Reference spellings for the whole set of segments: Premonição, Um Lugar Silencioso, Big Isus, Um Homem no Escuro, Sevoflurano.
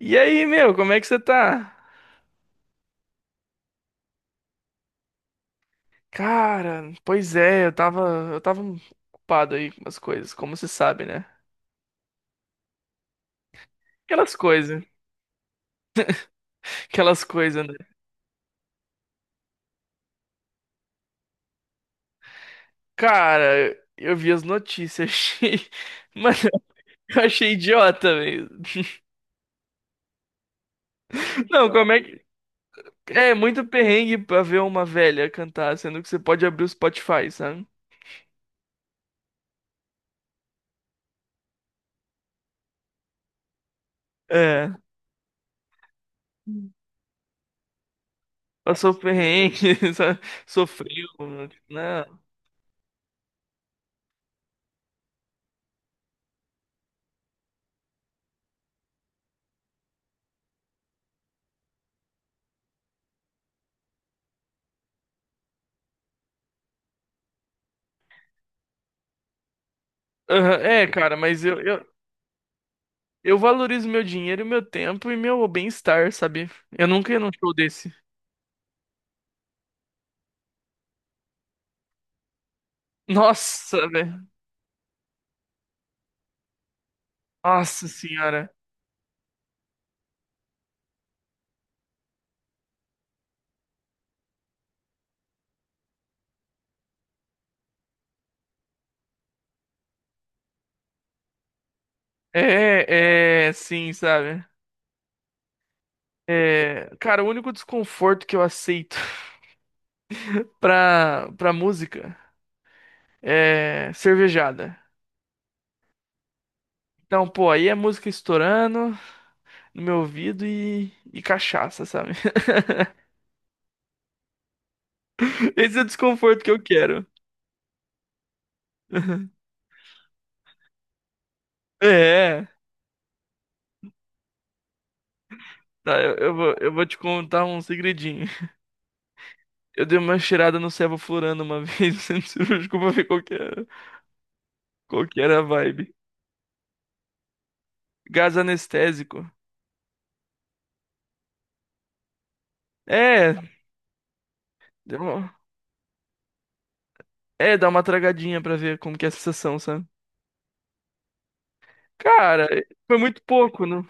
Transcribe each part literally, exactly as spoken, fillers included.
E aí, meu, como é que você tá? Cara, pois é, eu tava, eu tava ocupado aí com as coisas, como você sabe, né? Aquelas coisas, aquelas coisas, né? Cara, eu vi as notícias, achei... Mano, eu achei idiota, velho. Não, como é que... É muito perrengue pra ver uma velha cantar, sendo que você pode abrir o Spotify, sabe? É, passou perrengue, sabe? Sofreu, né? Aham, é, cara, mas eu, eu, eu valorizo meu dinheiro, meu tempo e meu bem-estar, sabe? Eu nunca ia num show desse. Nossa, velho. Nossa senhora. É, é, sim, sabe? É, cara, o único desconforto que eu aceito pra, pra música é cervejada. Então, pô, aí é música estourando no meu ouvido e, e cachaça, sabe? Esse é o desconforto que eu quero. É, tá, eu, eu vou, eu vou te contar um segredinho. Eu dei uma cheirada no Sevoflurano uma vez, no centro cirúrgico, pra ver qual que era, qual que era a vibe. Gás anestésico. É, deu uma- é, dá uma tragadinha pra ver como que é a sensação, sabe? Cara, foi muito pouco, não.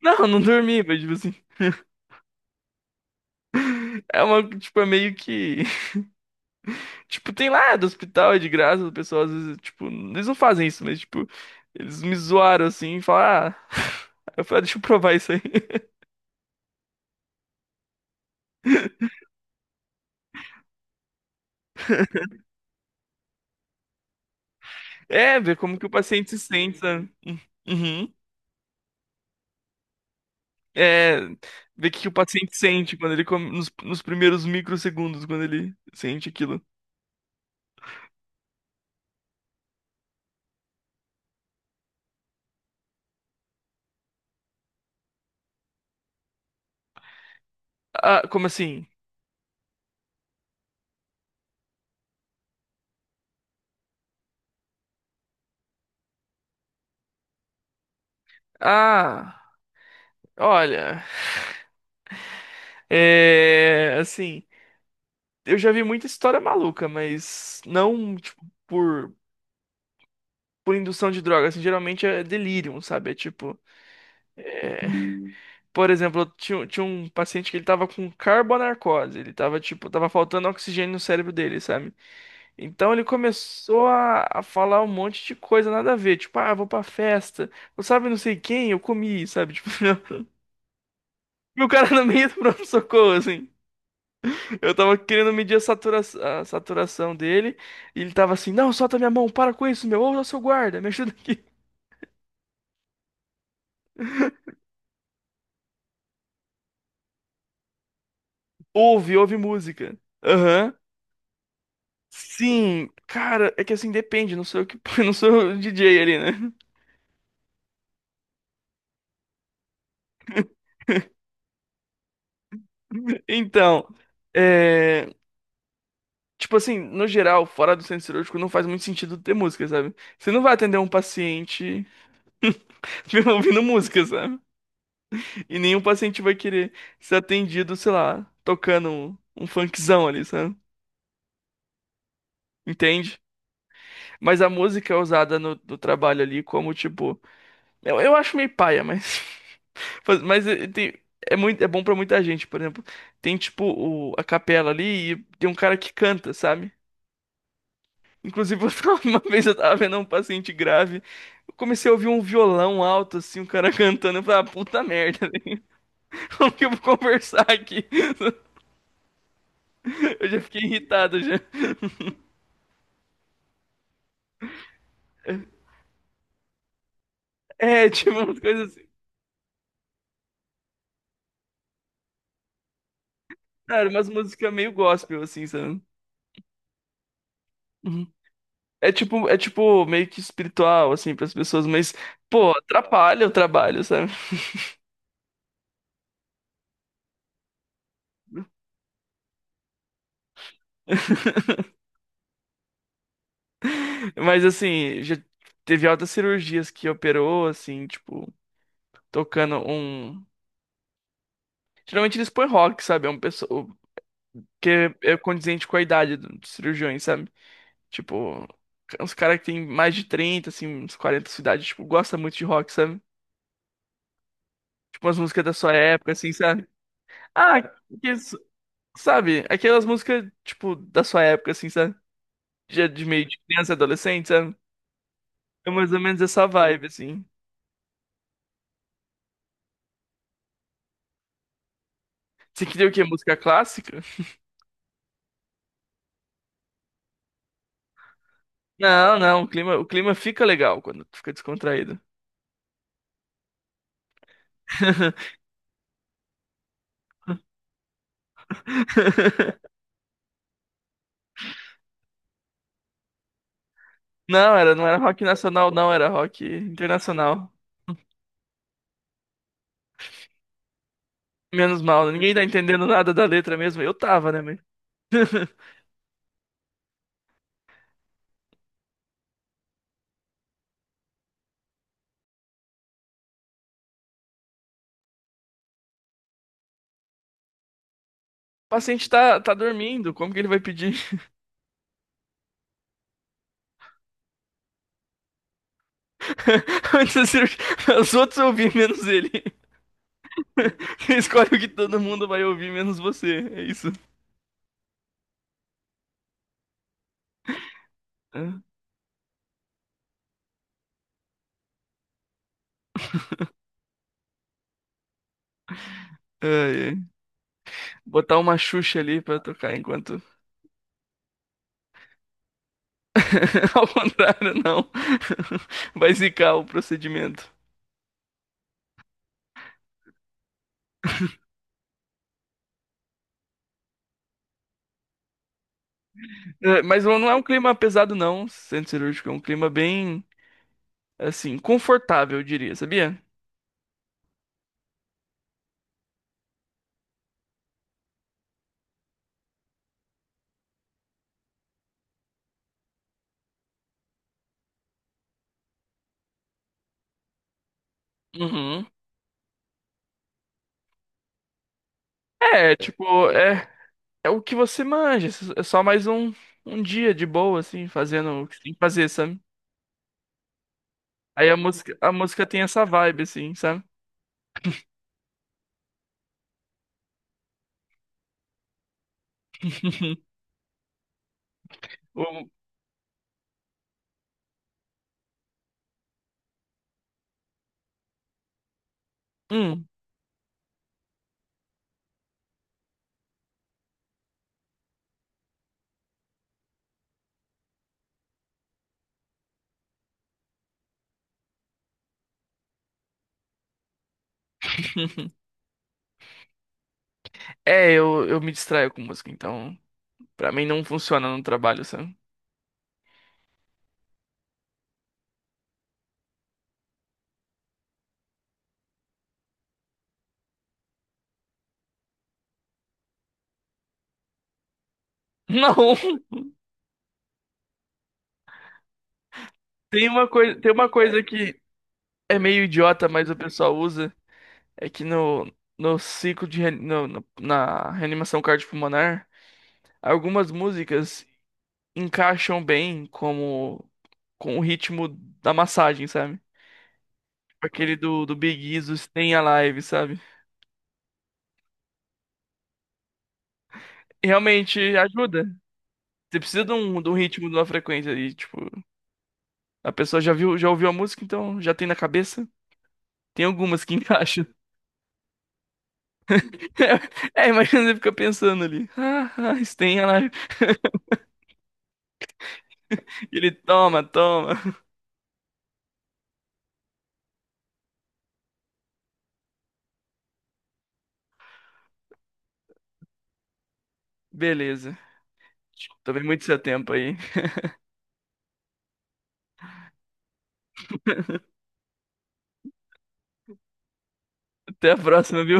Não, não dormi, mas tipo assim, é uma, tipo, é meio que, tipo, tem lá do hospital, é de graça, o pessoal às vezes, tipo, eles não fazem isso, mas tipo, eles me zoaram assim, e falaram, ah, eu falei, "Ah, deixa eu provar isso aí." É, ver como que o paciente se sente, sabe? Uhum. É, ver o que que o paciente sente quando ele come, nos, nos primeiros microsegundos, quando ele sente aquilo. Ah, como assim? Ah, olha, é, assim, eu já vi muita história maluca, mas não, tipo, por, por indução de droga, assim, geralmente é delírio, sabe? É tipo, por exemplo, eu tinha, tinha um paciente que ele tava com carbonarcose, ele tava, tipo, tava faltando oxigênio no cérebro dele, sabe? Então ele começou a, a falar um monte de coisa nada a ver, tipo, ah, vou pra festa, eu sabe não sei quem, eu comi, sabe? Tipo, e o cara no meio do pronto-socorro, assim. Eu tava querendo medir a satura- a saturação dele, e ele tava assim, não, solta minha mão, para com isso, meu, ouça seu guarda, me ajuda aqui. Ouve, ouve música. Aham. Sim, cara, é que assim depende, não sou eu que, não sou o D J ali, né? Então, é. Tipo assim, no geral, fora do centro cirúrgico, não faz muito sentido ter música, sabe? Você não vai atender um paciente ouvindo música, sabe? E nenhum paciente vai querer ser atendido, sei lá, tocando um, um funkzão ali, sabe? Entende? Mas a música é usada no, no trabalho ali como, tipo. Eu, eu acho meio paia, mas. faz- Mas eh, tem- é muito, é bom pra muita gente, por exemplo. Tem, tipo, o- a capela ali e tem um cara que canta, sabe? Inclusive, eu tava- uma vez eu tava vendo um paciente grave, eu comecei a ouvir um violão alto, assim, um cara cantando, eu falei, ah, puta merda, velho. Como que eu vou conversar aqui? Eu já fiquei irritado já. É, tipo, umas coisas assim, cara, umas músicas meio gospel, assim, sabe? Uhum. É tipo, é tipo meio que espiritual, assim, pras pessoas, mas, pô, atrapalha o trabalho, sabe? Mas, assim, já teve altas cirurgias que operou, assim, tipo, tocando um... Geralmente eles põem rock, sabe? É um pessoal que é é condizente com a idade do- dos cirurgiões, sabe? Tipo, é uns caras que tem mais de trinta assim, uns quarenta de idade, tipo, gosta muito de rock, sabe? Tipo, umas músicas da sua época, assim, sabe? Ah, que isso- sabe? Aquelas músicas, tipo, da sua época, assim, sabe? Já de meio de criança, adolescente, sabe? É mais ou menos essa vibe, assim. Você queria o quê? Música clássica? Não, não, o clima, o clima fica legal quando tu fica descontraído. Não, era, não era rock nacional, não, era rock internacional. Menos mal, né? Ninguém tá entendendo nada da letra mesmo. Eu tava, né, mas... O paciente tá, tá dormindo, como que ele vai pedir? Antes da cirurgia, os outros ouvir menos ele. Ele escolhe o que todo mundo vai ouvir, menos você. É isso. É, ai, ai. Botar uma Xuxa ali pra tocar enquanto. Ao contrário, não. Vai zicar o procedimento. É, mas não é um clima pesado, não, centro cirúrgico. É um clima bem, assim, confortável, eu diria, sabia? Uhum. É, tipo, é, é o que você manja. É só mais um, um dia de boa, assim, fazendo o que tem que fazer, sabe? Aí a música, a música tem essa vibe, assim, sabe? O- hum. É, eu, eu me distraio com música, então pra mim não funciona no trabalho, sabe? Não, tem uma coisa, tem uma coisa que é meio idiota, mas o pessoal usa, é que no, no ciclo de re- no- no- na reanimação cardiopulmonar, algumas músicas encaixam bem como com o ritmo da massagem, sabe? Tipo aquele do, do Big Isus tem a live, sabe? E realmente ajuda. Você precisa de um, de um ritmo, de uma frequência e tipo, a pessoa já viu, já ouviu a música, então já tem na cabeça. Tem algumas que encaixam. É, imagina você fica pensando ali. Ah, ah, isso tem a live. Ele toma, toma. Beleza. Também muito seu tempo aí. Até a próxima, viu?